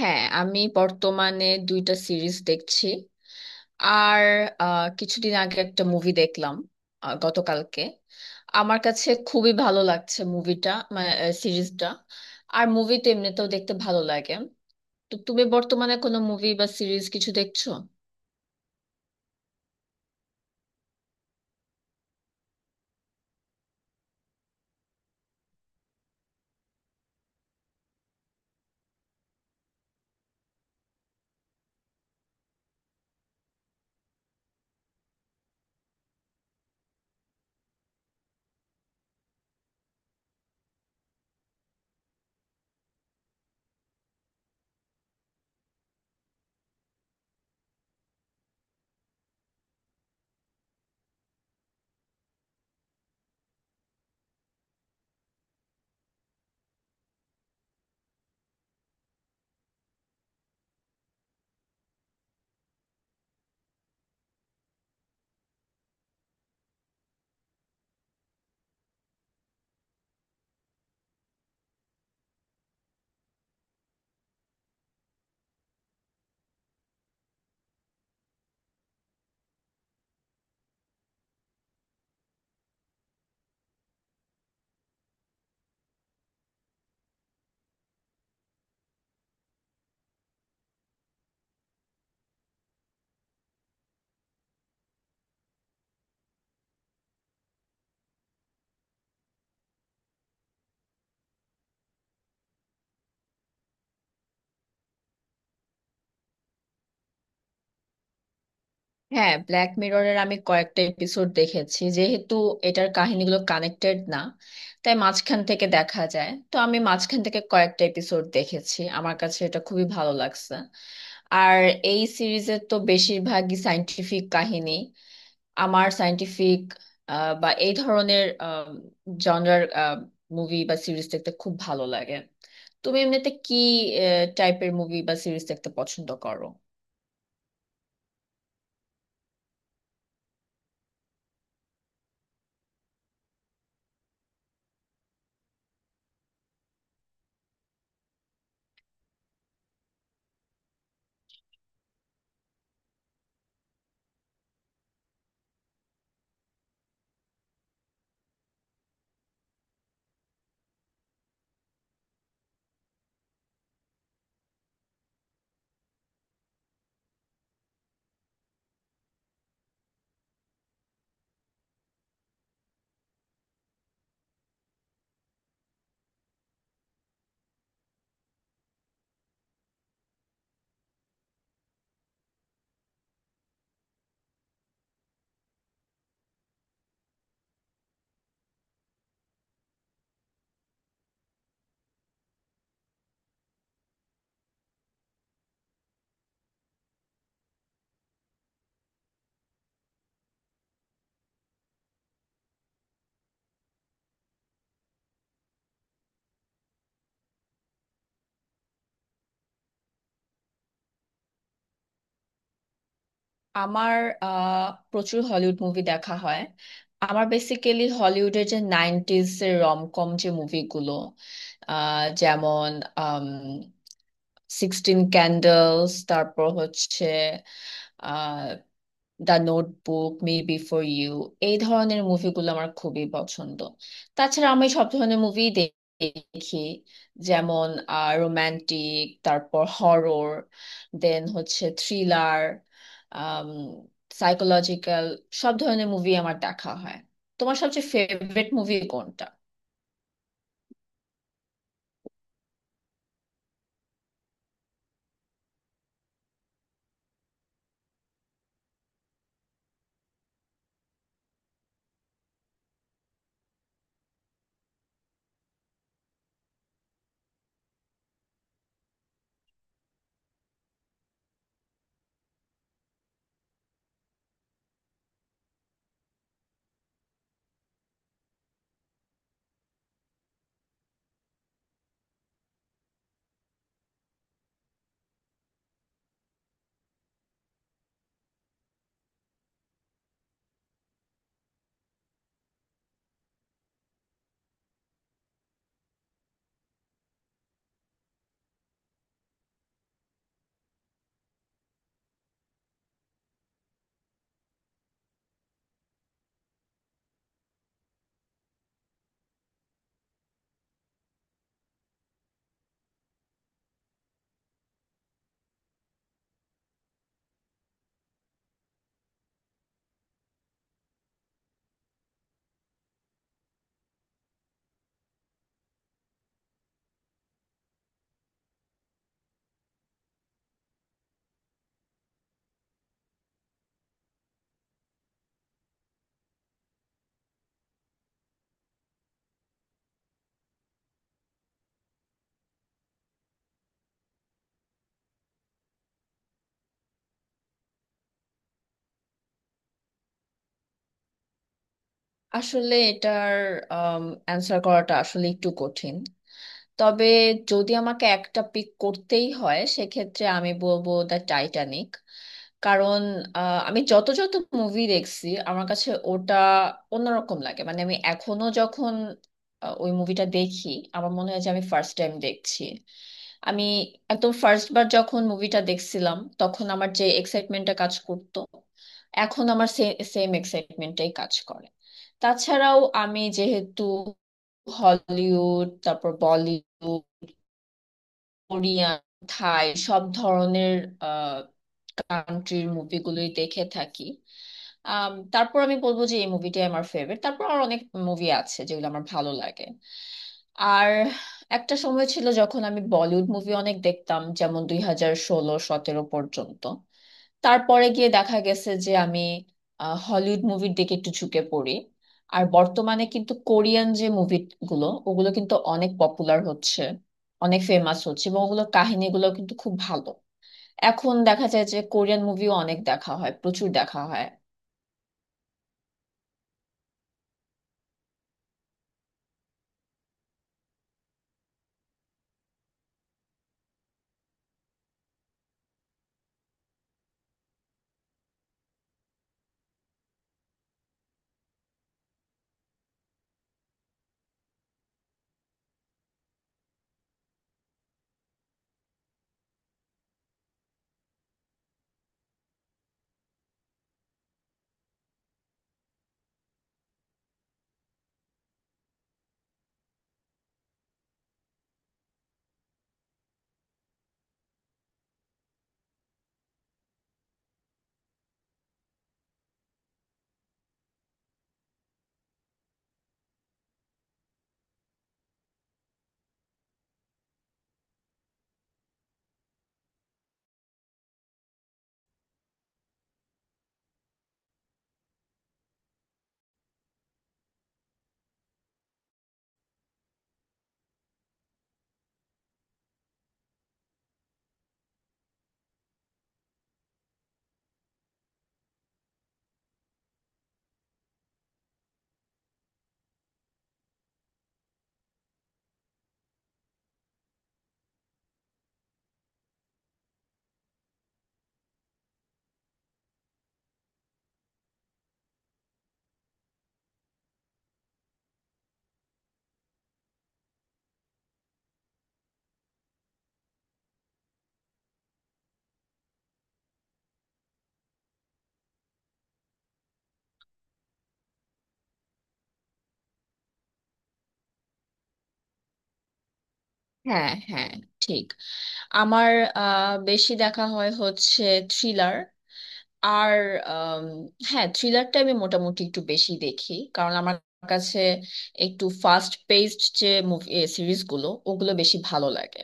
হ্যাঁ, আমি বর্তমানে দুইটা সিরিজ দেখছি। আর কিছুদিন আগে একটা মুভি দেখলাম। গতকালকে আমার কাছে খুবই ভালো লাগছে মুভিটা, মানে সিরিজটা। আর মুভি তো এমনিতেও দেখতে ভালো লাগে। তো তুমি বর্তমানে কোনো মুভি বা সিরিজ কিছু দেখছো? হ্যাঁ, ব্ল্যাক মিররের আমি কয়েকটা এপিসোড দেখেছি। যেহেতু এটার কাহিনীগুলো কানেক্টেড না, তাই মাঝখান থেকে দেখা যায়, তো আমি মাঝখান থেকে কয়েকটা এপিসোড দেখেছি। আমার কাছে এটা খুবই ভালো লাগছে। আর এই সিরিজের তো বেশিরভাগই সায়েন্টিফিক কাহিনী। আমার সায়েন্টিফিক বা এই ধরনের জনরার মুভি বা সিরিজ দেখতে খুব ভালো লাগে। তুমি এমনিতে কি টাইপের মুভি বা সিরিজ দেখতে পছন্দ করো? আমার আহ, প্রচুর হলিউড মুভি দেখা হয়। আমার বেসিক্যালি হলিউডের যে নাইনটিজ এর রমকম যে মুভিগুলো, যেমন সিক্সটিন ক্যান্ডেলস, তারপর হচ্ছে আহ the notebook, me before you, এই ধরনের মুভিগুলো আমার খুবই পছন্দ। তাছাড়া আমি সব ধরনের মুভি দেখি, যেমন রোমান্টিক, তারপর হরর, দেন হচ্ছে থ্রিলার, সাইকোলজিক্যাল, সব ধরনের মুভি আমার দেখা হয়। তোমার সবচেয়ে ফেভারিট মুভি কোনটা? আসলে এটার অ্যান্সার করাটা আসলে একটু কঠিন। তবে যদি আমাকে একটা পিক করতেই হয় সেক্ষেত্রে আমি বলবো দ্য টাইটানিক। কারণ আমি যত যত মুভি দেখছি আমার কাছে ওটা অন্যরকম লাগে। মানে আমি এখনো যখন ওই মুভিটা দেখি আমার মনে হয় যে আমি ফার্স্ট টাইম দেখছি। আমি একদম ফার্স্ট বার যখন মুভিটা দেখছিলাম তখন আমার যে এক্সাইটমেন্টটা কাজ করতো, এখন আমার সেম এক্সাইটমেন্টটাই কাজ করে। তাছাড়াও আমি যেহেতু হলিউড, তারপর বলিউড, কোরিয়ান, থাই, সব ধরনের কান্ট্রির মুভিগুলোই দেখে থাকি। তারপর আমি বলবো যে এই মুভিটাই আমার ফেভারিট, তারপর আর অনেক মুভি আছে যেগুলো আমার ভালো লাগে। আর একটা সময় ছিল যখন আমি বলিউড মুভি অনেক দেখতাম, যেমন 2016-17 পর্যন্ত। তারপরে গিয়ে দেখা গেছে যে আমি হলিউড মুভির দিকে একটু ঝুঁকে পড়ি। আর বর্তমানে কিন্তু কোরিয়ান যে মুভিগুলো ওগুলো কিন্তু অনেক পপুলার হচ্ছে, অনেক ফেমাস হচ্ছে, এবং ওগুলোর কাহিনীগুলো কিন্তু খুব ভালো। এখন দেখা যায় যে কোরিয়ান মুভিও অনেক দেখা হয়, প্রচুর দেখা হয়। হ্যাঁ, হ্যাঁ, ঠিক। আমার বেশি দেখা হয় হচ্ছে থ্রিলার। আর আম, হ্যাঁ, থ্রিলারটা আমি মোটামুটি একটু বেশি দেখি, কারণ আমার কাছে একটু ফাস্ট পেসড যে মুভি সিরিজগুলো ওগুলো বেশি ভালো লাগে।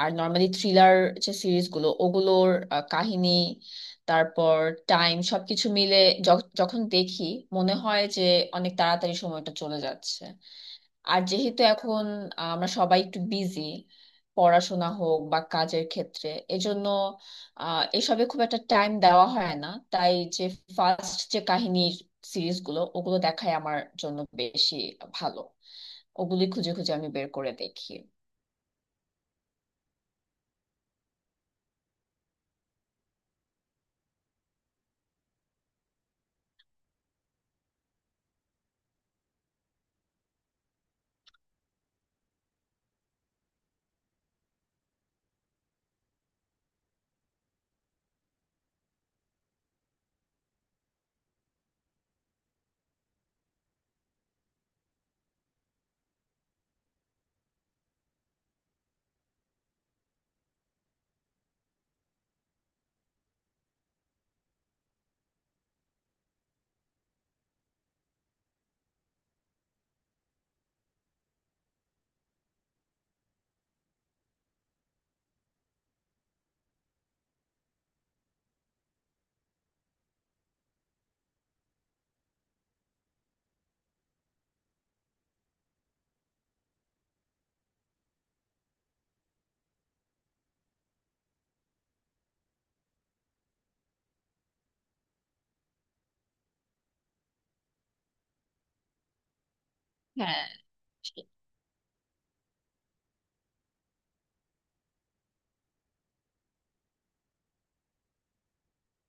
আর নর্মালি থ্রিলার যে সিরিজগুলো ওগুলোর কাহিনী, তারপর টাইম, সবকিছু মিলে যখন দেখি মনে হয় যে অনেক তাড়াতাড়ি সময়টা চলে যাচ্ছে। আর যেহেতু এখন আমরা সবাই একটু বিজি, পড়াশোনা হোক বা কাজের ক্ষেত্রে, এজন্য এসবে খুব একটা টাইম দেওয়া হয় না। তাই যে ফার্স্ট যে কাহিনীর সিরিজগুলো ওগুলো দেখাই আমার জন্য বেশি ভালো। ওগুলি খুঁজে খুঁজে আমি বের করে দেখি। হ্যাঁ।